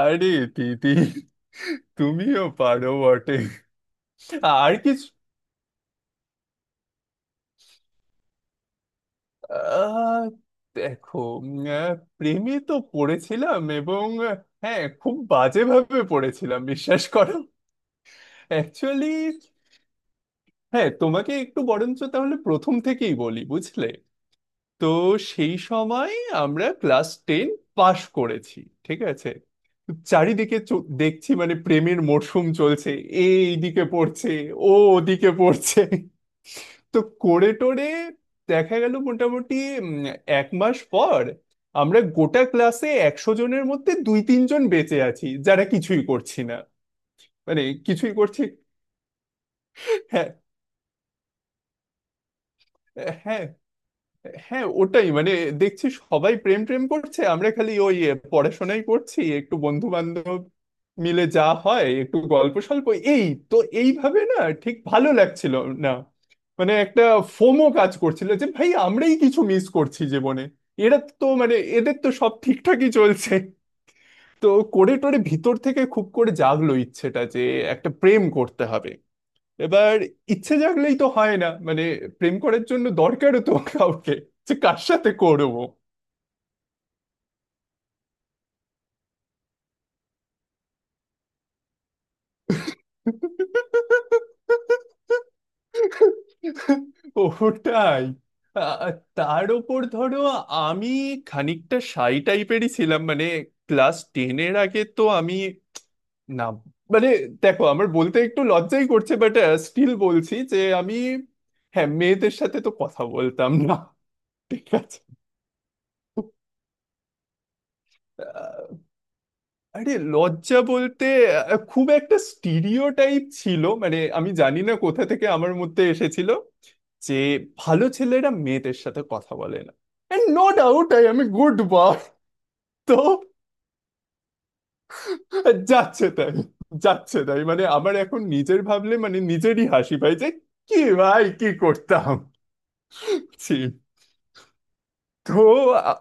আরে দিদি, তুমিও পারো বটে। আর কিছু? আহ, দেখো, উম, আহ, প্রেমে তো পড়েছিলাম এবং হ্যাঁ, খুব বাজেভাবে পড়েছিলাম বিশ্বাস করো। অ্যাকচুয়ালি হ্যাঁ, তোমাকে একটু বরঞ্চ তাহলে প্রথম থেকেই বলি বুঝলে। তো সেই সময় আমরা ক্লাস 10 পাশ করেছি, ঠিক আছে। তো চারিদিকে দেখছি মানে প্রেমের মরশুম চলছে। এ এইদিকে পড়ছে, ও ওদিকে পড়ছে। তো করে টোরে দেখা গেল মোটামুটি উম, এক মাস পর আমরা গোটা ক্লাসে 100 জনের মধ্যে দুই তিনজন বেঁচে আছি যারা কিছুই করছি না, মানে কিছুই করছি। হ্যাঁ হ্যাঁ হ্যাঁ, ওটাই মানে দেখছি সবাই প্রেম প্রেম করছে, আমরা খালি ওই পড়াশোনাই করছি, একটু বন্ধু বান্ধব মিলে যা হয় একটু গল্প স্বল্প এই। তো এইভাবে না ঠিক ভালো লাগছিল না, মানে একটা ফোমো কাজ করছিল যে ভাই আমরাই কিছু মিস করছি জীবনে, এরা তো মানে এদের তো সব ঠিকঠাকই চলছে। তো করে টোরে ভিতর থেকে খুব করে জাগলো ইচ্ছেটা যে একটা প্রেম করতে হবে এবার। ইচ্ছে জাগলেই তো হয় না, মানে প্রেম করার জন্য দরকারও তো কাউকে, যে কার সাথে করবো। ওটাই আ- তার ওপর ধরো, আমি খানিকটা শাই টাইপেরই ছিলাম, মানে ক্লাস টেনের আগে তো আমি না মানে, দেখো আমার বলতে একটু লজ্জাই করছে বাট স্টিল বলছি যে আমি হ্যাঁ মেয়েদের সাথে তো কথা বলতাম না, ঠিক আছে। আরে লজ্জা বলতে খুব একটা স্টিরিওটাইপ ছিল মানে আমি জানি না কোথা থেকে আমার মধ্যে এসেছিল যে ভালো ছেলেরা মেয়েদের সাথে কথা বলে না। এন্ড নো ডাউট আমি গুড বয় তো যাচ্ছে তাই, যাচ্ছে তাই মানে আমার এখন নিজের ভাবলে মানে নিজেরই হাসি পাই যে কি ভাই কি করতাম। ছি। তো আ,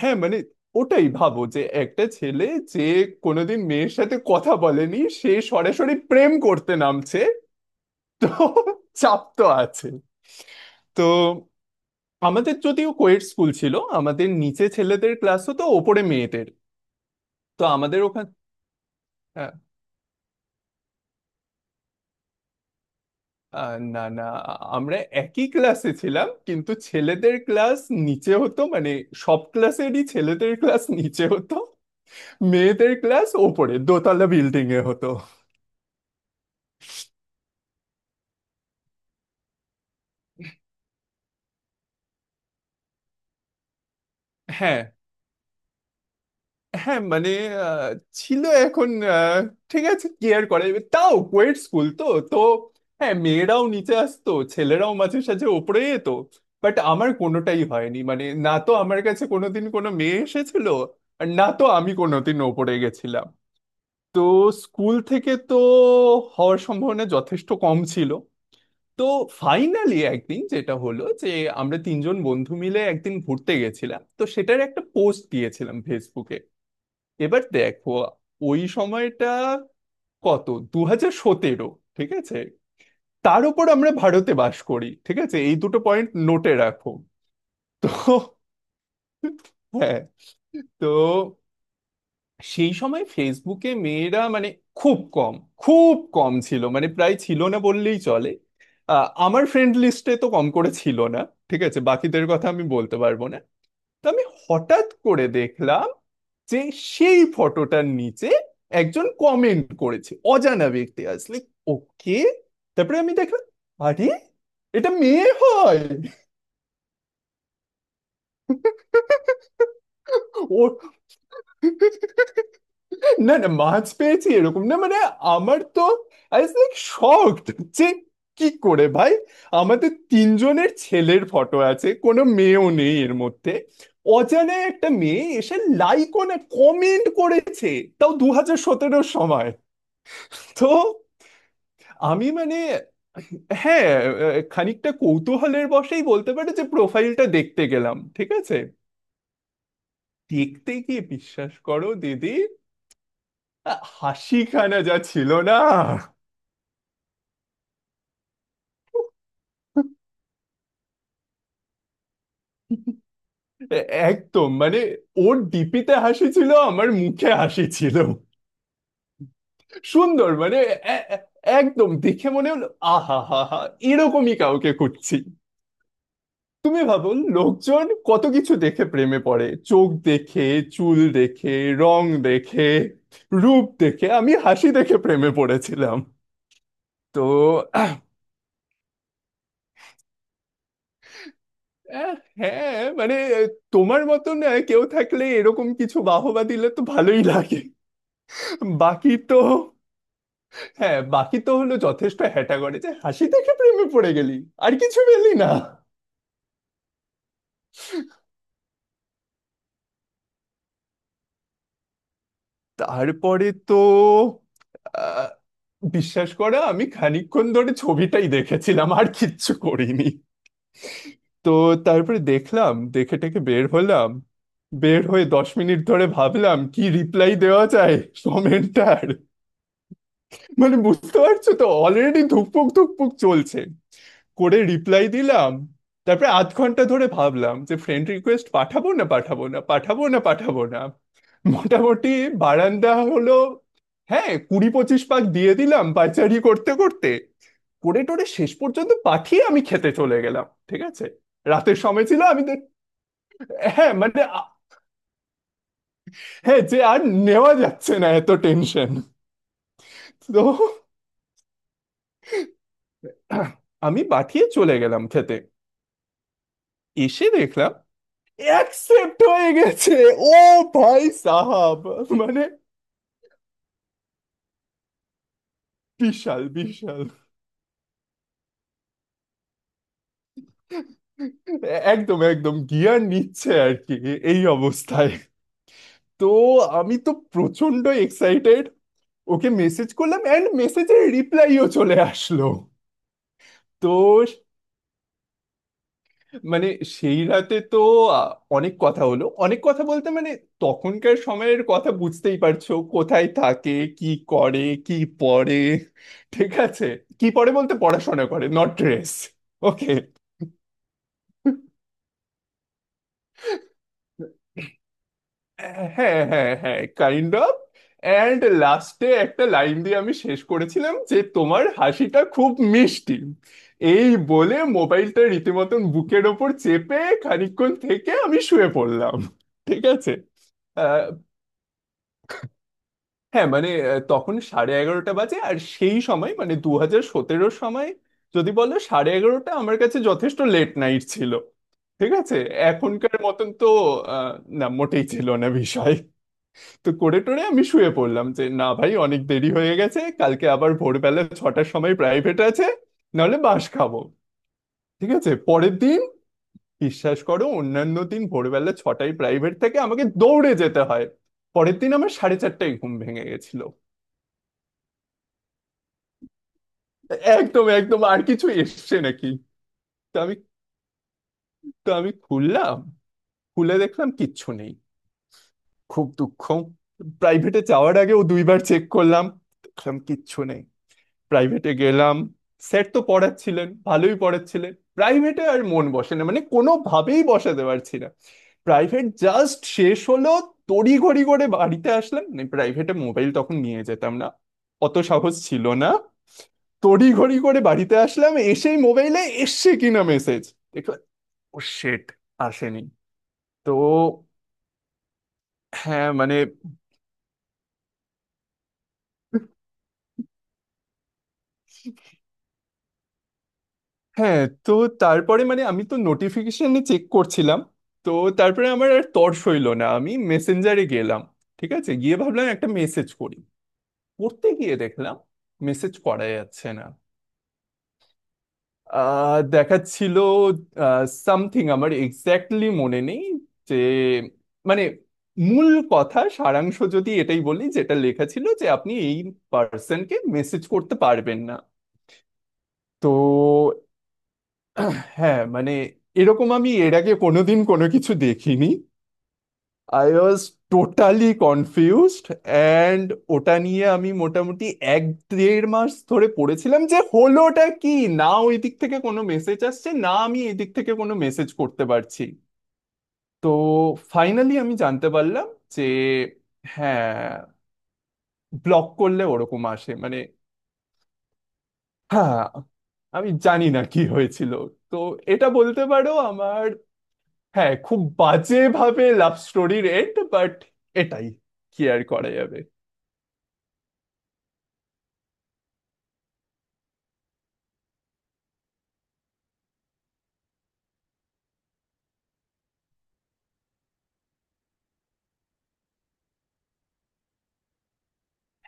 হ্যাঁ মানে ওটাই ভাবো যে একটা ছেলে যে কোনোদিন মেয়ের সাথে কথা বলেনি সে সরাসরি প্রেম করতে নামছে, তো চাপ তো আছে। তো আমাদের যদিও কোয়েট স্কুল ছিল, আমাদের নিচে ছেলেদের ক্লাস হতো, ওপরে মেয়েদের। তো আমাদের ওখানে না, না আমরা একই ক্লাসে ছিলাম, কিন্তু ছেলেদের ক্লাস নিচে হতো, মানে সব ক্লাসেরই ছেলেদের ক্লাস নিচে হতো, মেয়েদের ক্লাস ওপরে দোতলা বিল্ডিং এ হতো। হ্যাঁ হ্যাঁ, মানে আহ, ছিল এখন আহ, ঠিক আছে, কেয়ার করে এবার তাও কোয়েট স্কুল তো। তো হ্যাঁ, মেয়েরাও নিচে আসতো, ছেলেরাও মাঝে সাঝে ওপরে যেত, বাট আমার কোনোটাই হয়নি, মানে না তো আমার কাছে কোনোদিন কোনো মেয়ে এসেছিল আর না তো আমি কোনোদিন ওপরে গেছিলাম। তো স্কুল থেকে তো হওয়ার সম্ভাবনা যথেষ্ট কম ছিল। তো ফাইনালি একদিন যেটা হলো যে আমরা তিনজন বন্ধু মিলে একদিন ঘুরতে গেছিলাম, তো সেটার একটা পোস্ট দিয়েছিলাম ফেসবুকে। এবার দেখো, ওই সময়টা কত? 2017, ঠিক আছে। তার উপর আমরা ভারতে বাস করি, ঠিক আছে, এই দুটো পয়েন্ট নোটে রাখো। তো হ্যাঁ, তো সেই সময় ফেসবুকে মেয়েরা মানে খুব কম, খুব কম ছিল, মানে প্রায় ছিল না বললেই চলে। আমার ফ্রেন্ড লিস্টে তো কম করে ছিল না, ঠিক আছে, বাকিদের কথা আমি বলতে পারবো না। তো আমি হঠাৎ করে দেখলাম যে সেই ফটোটার নিচে একজন কমেন্ট করেছে, অজানা ব্যক্তি আসলে। ওকে, তারপরে আমি দেখলাম আরে এটা মেয়ে হয়। ও না না, মাছ পেয়েছি এরকম না, মানে আমার তো আই ওয়াজ লাইক শকড যে কি করে ভাই, আমাদের তিনজনের ছেলের ফটো আছে, কোনো মেয়েও নেই এর মধ্যে, অজানা একটা মেয়ে এসে লাইক না কমেন্ট করেছে, তাও 2017-র সময়। তো আমি মানে হ্যাঁ খানিকটা কৌতূহলের বশেই বলতে পারে যে প্রোফাইলটা দেখতে গেলাম, ঠিক আছে। দেখতে গিয়ে বিশ্বাস করো দিদি, হাসিখানা যা ছিল না। একদম মানে ওর ডিপিতে হাসি ছিল, আমার মুখে হাসি ছিল, সুন্দর মানে এ- এ- একদম দেখে মনে হলো আহা হা হা এরকমই কাউকে খুঁজছি। তুমি ভাবো, লোকজন কত কিছু দেখে প্রেমে পড়ে, চোখ দেখে, চুল দেখে, রং দেখে, রূপ দেখে, আমি হাসি দেখে প্রেমে পড়েছিলাম। তো আহ, হ্যাঁ, মানে তোমার মতো না কেউ থাকলে এরকম কিছু বাহবা দিলে তো ভালোই লাগে, বাকি তো হ্যাঁ, বাকি তো হলো যথেষ্ট হ্যাটা করে যে হাসি দেখে প্রেমে পড়ে গেলি আর কিছু পেলি না। তারপরে তো বিশ্বাস করে আমি খানিকক্ষণ ধরে ছবিটাই দেখেছিলাম আর কিচ্ছু করিনি। তো তারপরে দেখলাম দেখে টেকে বের হলাম, বের হয়ে 10 মিনিট ধরে ভাবলাম কি রিপ্লাই দেওয়া যায় কমেন্টার, মানে বুঝতে পারছো তো অলরেডি ধুকপুক ধুকপুক চলছে। করে রিপ্লাই দিলাম। তারপরে আধ ঘন্টা ধরে ভাবলাম যে ফ্রেন্ড রিকোয়েস্ট পাঠাবো না পাঠাবো না পাঠাবো না পাঠাবো না। মোটামুটি বারান্দা হলো, হ্যাঁ 20-25 পাক দিয়ে দিলাম পাইচারি করতে করতে, করে টোরে শেষ পর্যন্ত পাঠিয়ে আমি খেতে চলে গেলাম, ঠিক আছে। রাতের সময় ছিল আমি হ্যাঁ মানে হ্যাঁ যে আর নেওয়া যাচ্ছে না এত টেনশন। তো আমি পাঠিয়ে চলে গেলাম খেতে, এসে দেখলাম অ্যাকসেপ্ট হয়ে গেছে। ও ভাই সাহাব, মানে বিশাল বিশাল একদম একদম গিয়ার নিচ্ছে আর কি এই অবস্থায়। তো আমি তো প্রচন্ড এক্সাইটেড, ওকে মেসেজ করলাম অ্যান্ড মেসেজের রিপ্লাইও চলে আসলো। তো মানে সেই রাতে তো আ, অনেক কথা হলো, অনেক কথা বলতে মানে তখনকার সময়ের কথা বুঝতেই পারছো, কোথায় থাকে, কি করে, কি পড়ে, ঠিক আছে, কি পড়ে বলতে পড়াশোনা করে, নট ড্রেস। ওকে, হ্যাঁ হ্যাঁ হ্যাঁ কাইন্ড অফ। অ্যান্ড লাস্টে একটা লাইন দিয়ে আমি শেষ করেছিলাম যে তোমার হাসিটা খুব মিষ্টি, এই বলে মোবাইলটা রীতিমতন বুকের ওপর চেপে খানিকক্ষণ থেকে আমি শুয়ে পড়লাম, ঠিক আছে। হ্যাঁ মানে তখন 11:30 বাজে আর সেই সময় মানে 2017-র সময় যদি বলো, 11:30 আমার কাছে যথেষ্ট লেট নাইট ছিল, ঠিক আছে, এখনকার মতন তো আহ, না মোটেই ছিল না বিষয়। তো করে টোরে আমি শুয়ে পড়লাম যে না ভাই অনেক দেরি হয়ে গেছে, কালকে আবার ভোরবেলা 6টার সময় প্রাইভেট আছে, নাহলে বাস খাবো, ঠিক আছে। পরের দিন বিশ্বাস করো, অন্যান্য দিন ভোরবেলা 6টায় প্রাইভেট থেকে আমাকে দৌড়ে যেতে হয়, পরের দিন আমার 4:30-এ ঘুম ভেঙে গেছিল। একদম একদম আর কিছু এসছে নাকি। তো আমি খুললাম, খুলে দেখলাম কিচ্ছু নেই, খুব দুঃখ। প্রাইভেটে যাওয়ার আগে ও দুইবার চেক করলাম, দেখলাম কিচ্ছু নেই। প্রাইভেটে গেলাম, স্যার তো পড়াচ্ছিলেন ভালোই পড়াচ্ছিলেন, প্রাইভেটে আর মন বসে না, মানে কোনোভাবেই বসাতে পারছি না। প্রাইভেট জাস্ট শেষ হলো, তড়িঘড়ি করে বাড়িতে আসলাম। প্রাইভেটে মোবাইল তখন নিয়ে যেতাম না, অত সাহস ছিল না। তড়িঘড়ি করে বাড়িতে আসলাম এসেই মোবাইলে এসছে কিনা মেসেজ দেখলাম। ও শেট, আসেনি। তো হ্যাঁ মানে হ্যাঁ। তো তারপরে মানে আমি তো নোটিফিকেশনে চেক করছিলাম, তো তারপরে আমার আর তর্স হইল না, আমি মেসেঞ্জারে গেলাম, ঠিক আছে, গিয়ে ভাবলাম একটা মেসেজ করি, পড়তে গিয়ে দেখলাম মেসেজ করা যাচ্ছে না। দেখাচ্ছিল সামথিং, আমার এক্স্যাক্টলি মনে নেই, যে মানে মূল কথা সারাংশ যদি এটাই বলি যেটা লেখা ছিল যে আপনি এই পার্সনকে মেসেজ করতে পারবেন না। তো হ্যাঁ মানে এরকম আমি এর আগে কোনোদিন কোনো কিছু দেখিনি, I was totally confused and ওটা নিয়ে আমি মোটামুটি এক দেড় মাস ধরে পড়েছিলাম যে হলোটা কি, না ওই দিক থেকে কোনো মেসেজ আসছে না আমি এই দিক থেকে কোনো মেসেজ করতে পারছি। তো ফাইনালি আমি জানতে পারলাম যে হ্যাঁ ব্লক করলে ওরকম আসে, মানে হ্যাঁ আমি জানি না কি হয়েছিল। তো এটা বলতে পারো আমার হ্যাঁ খুব বাজেভাবে লাভ স্টোরির এন্ড, বাট এটাই কি আর করা যাবে।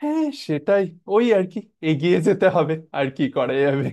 হ্যাঁ সেটাই, ওই আর কি, এগিয়ে যেতে হবে, আর কি করা যাবে।